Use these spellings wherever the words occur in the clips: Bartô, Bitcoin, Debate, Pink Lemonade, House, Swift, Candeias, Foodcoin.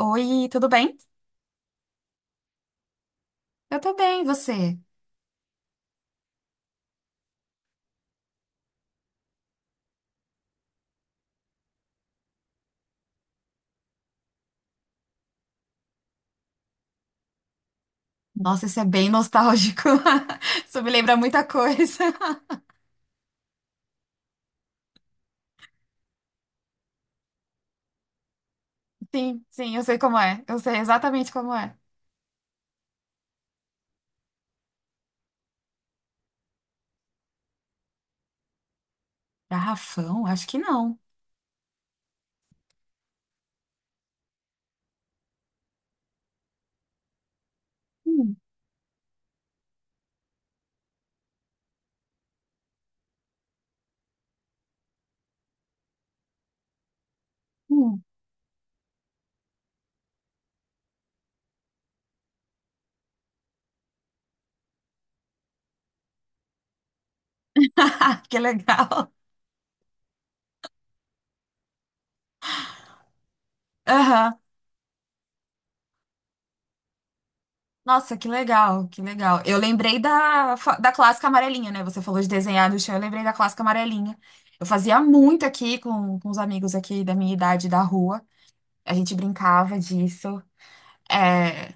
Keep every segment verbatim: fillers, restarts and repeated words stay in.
Oi, tudo bem? Eu tô bem, e você? Nossa, isso é bem nostálgico. Isso me lembra muita coisa. Sim, sim, eu sei como é. Eu sei exatamente como é. Garrafão? Acho que não. Hum, hum. Que legal. Aham. Nossa, que legal, que legal. Eu lembrei da, fa- da clássica amarelinha, né? Você falou de desenhar no chão, eu lembrei da clássica amarelinha. Eu fazia muito aqui com, com os amigos aqui da minha idade da rua. A gente brincava disso. É.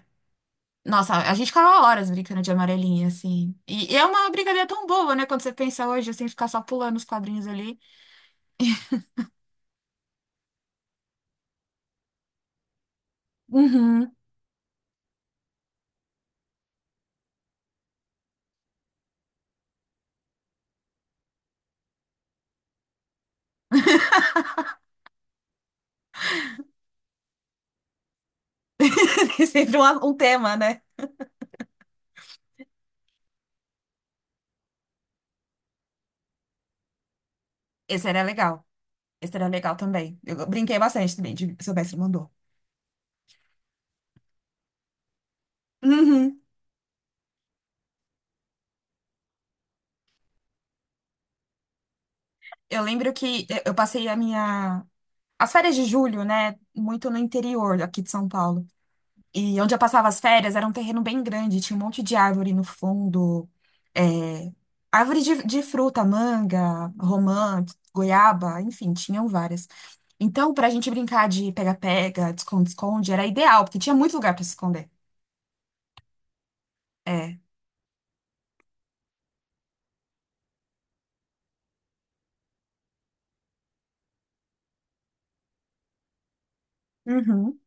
Nossa, a gente ficava horas brincando de amarelinha, assim. E, e é uma brincadeira tão boa, né? Quando você pensa hoje, assim, ficar só pulando os quadrinhos ali. Uhum. Tem sempre um, um tema, né? Esse era legal. Esse era legal também. Eu brinquei bastante também, de seu mestre mandou. Uhum. Eu lembro que eu eu passei a minha. As férias de julho, né? Muito no interior aqui de São Paulo. E onde eu passava as férias era um terreno bem grande, tinha um monte de árvore no fundo, é, árvore de, de fruta, manga, romã, goiaba, enfim, tinham várias. Então, pra gente brincar de pega-pega, esconde-esconde, era ideal, porque tinha muito lugar pra se esconder. É. Uhum.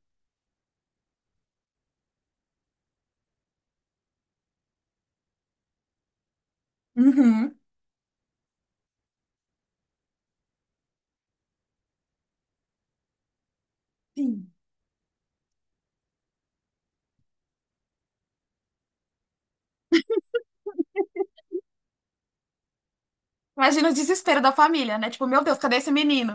Uhum. Sim. Imagina o desespero da família, né? Tipo, meu Deus, cadê esse menino?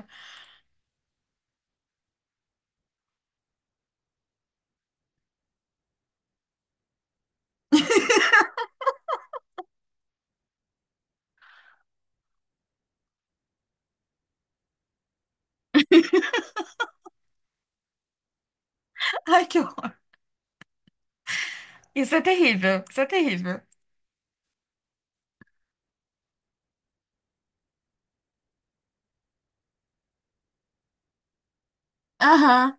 Ai, que horror. Isso é terrível, isso é terrível. Aham.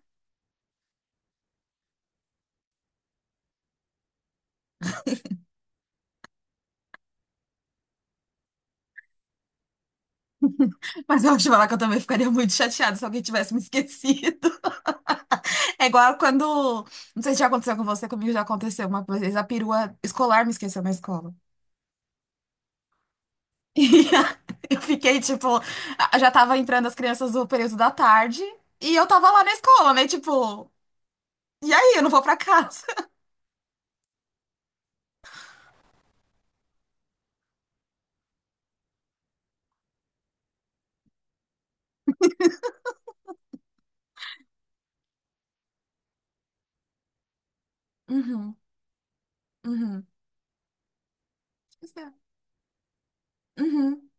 Mas eu acho que eu também ficaria muito chateada se alguém tivesse me esquecido. É igual quando. Não sei se já aconteceu com você, comigo já aconteceu uma vez. A perua escolar me esqueceu na escola. E eu fiquei, tipo, a- já tava entrando as crianças do período da tarde e eu tava lá na escola, né? Tipo, e aí, eu não vou pra casa. Uhum, uhum. Esqueceu. Uhum.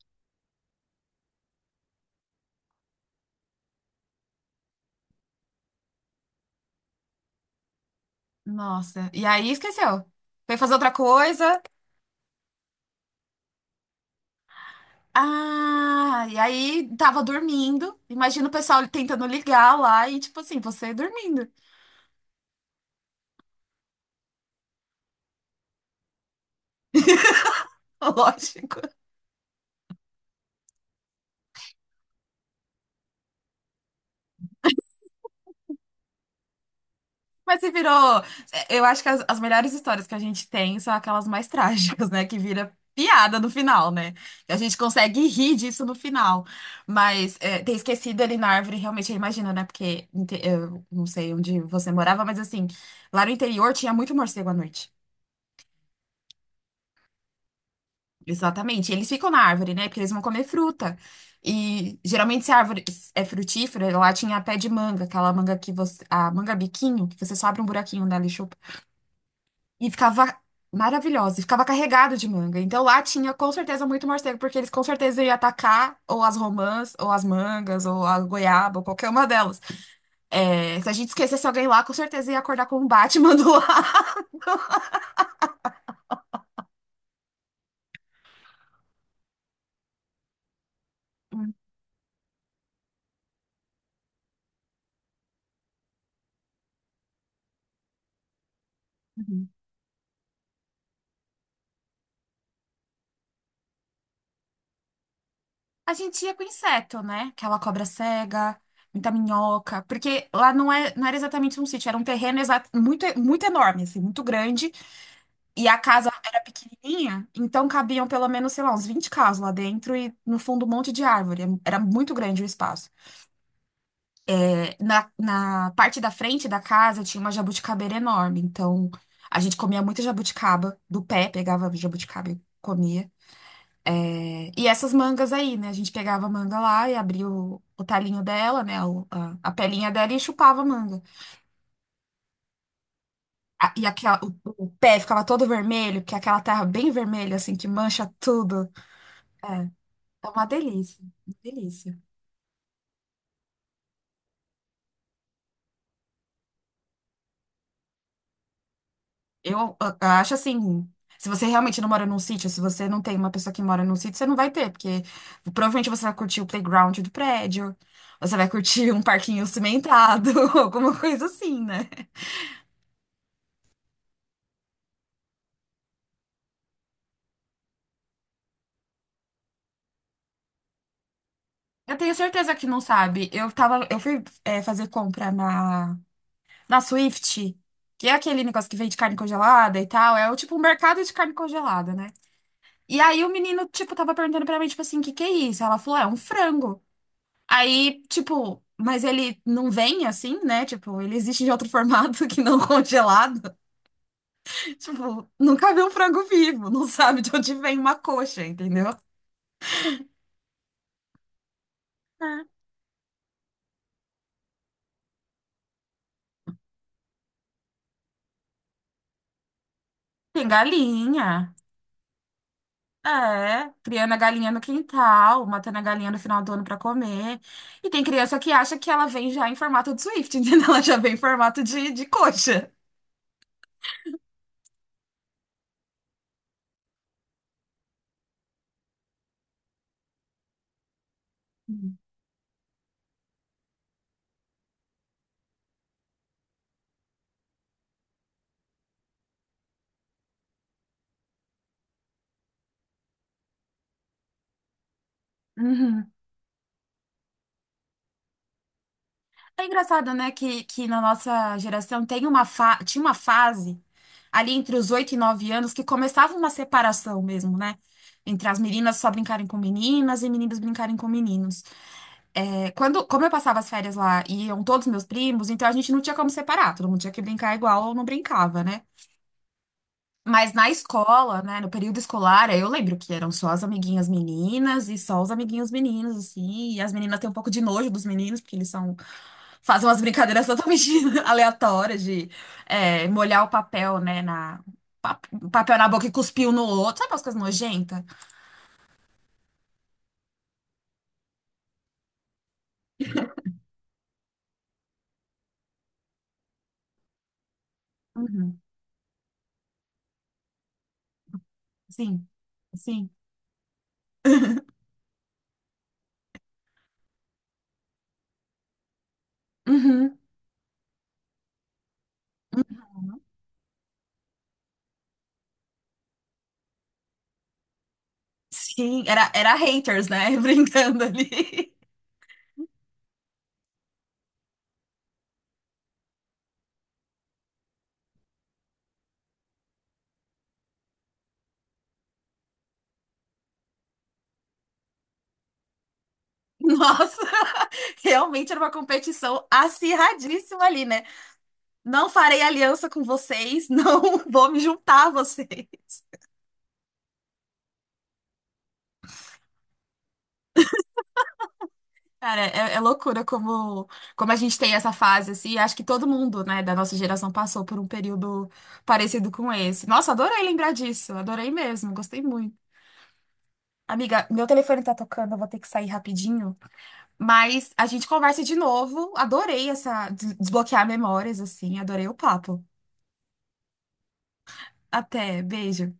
Nossa. E aí esqueceu. Foi fazer outra coisa. Ah, e aí tava dormindo. Imagina o pessoal tentando ligar lá e, tipo assim, você dormindo. Lógico. Mas se virou. é, Eu acho que as, as melhores histórias que a gente tem são aquelas mais trágicas, né? Que vira piada no final, né? Que a gente consegue rir disso no final. Mas é, ter esquecido ele na árvore, realmente, eu imagino, né? Porque inte- eu não sei onde você morava, mas assim, lá no interior tinha muito morcego à noite. Exatamente. Eles ficam na árvore, né? Porque eles vão comer fruta. E geralmente, se a árvore é frutífera, lá tinha pé de manga, aquela manga que você. A manga biquinho, que você só abre um buraquinho nela e E ficava maravilhosa, e ficava carregado de manga. Então lá tinha com certeza muito morcego, porque eles com certeza iam atacar ou as romãs, ou as mangas, ou a goiaba, ou qualquer uma delas. É, se a gente esquecesse alguém lá, com certeza ia acordar com um Batman do lado. Uhum. A gente ia com inseto, né? Aquela cobra cega, muita minhoca, porque lá não, é, não era exatamente um sítio, era um terreno exa- muito, muito enorme, assim, muito grande. E a casa era pequenininha, então cabiam pelo menos, sei lá, uns vinte carros lá dentro e no fundo um monte de árvore. Era muito grande o espaço. É. Na, na parte da frente da casa tinha uma jabuticabeira enorme, então a gente comia muita jabuticaba do pé, pegava jabuticaba e comia. É. E essas mangas aí, né? A gente pegava a manga lá e abria o, o talinho dela, né? o- a, a pelinha dela e chupava a manga. A- E aquela, o, o pé ficava todo vermelho, porque é aquela terra bem vermelha, assim, que mancha tudo. É. É uma delícia, uma delícia. Eu, a- acho assim, se você realmente não mora num sítio, se você não tem uma pessoa que mora num sítio, você não vai ter, porque provavelmente você vai curtir o playground do prédio, você vai curtir um parquinho cimentado, alguma coisa assim, né? Eu tenho certeza que não sabe. Eu tava, eu fui, é, fazer compra na, na, Swift, que é aquele negócio que vende carne congelada e tal. É o tipo um mercado de carne congelada, né? E aí o menino, tipo, tava perguntando pra mim, tipo assim, o que que é isso? Ela falou, é um frango. Aí, tipo, mas ele não vem assim, né? Tipo, ele existe de outro formato que não congelado. Tipo, nunca viu um frango vivo, não sabe de onde vem uma coxa, entendeu? É. Tem galinha. É, criando a galinha no quintal, matando a galinha no final do ano pra comer. E tem criança que acha que ela vem já em formato de Swift, entendeu? Ela já vem em formato de, de coxa. Uhum. É engraçado, né, que, que na nossa geração tem uma fa... tinha uma fase ali entre os oito e nove anos que começava uma separação mesmo, né? Entre as meninas só brincarem com meninas e meninos brincarem com meninos. É, quando, como eu passava as férias lá e iam todos meus primos, então a gente não tinha como separar, todo mundo tinha que brincar igual ou não brincava, né? Mas na escola, né, no período escolar, eu lembro que eram só as amiguinhas meninas e só os amiguinhos meninos, assim, e as meninas têm um pouco de nojo dos meninos, porque eles são faz umas brincadeiras totalmente aleatórias de é, molhar o papel, né, na, o papel na boca e cuspir um no outro. Sabe aquelas coisas nojentas? Uhum. Sim, sim. Uhum. Sim, era, era haters, né? Brincando ali. Nossa, realmente era uma competição acirradíssima ali, né? Não farei aliança com vocês, não vou me juntar a vocês. Cara, é, é loucura como, como a gente tem essa fase, assim. Acho que todo mundo, né, da nossa geração passou por um período parecido com esse. Nossa, adorei lembrar disso. Adorei mesmo. Gostei muito. Amiga, meu telefone tá tocando, eu vou ter que sair rapidinho. Mas a gente conversa de novo. Adorei essa des- desbloquear memórias, assim. Adorei o papo. Até, beijo.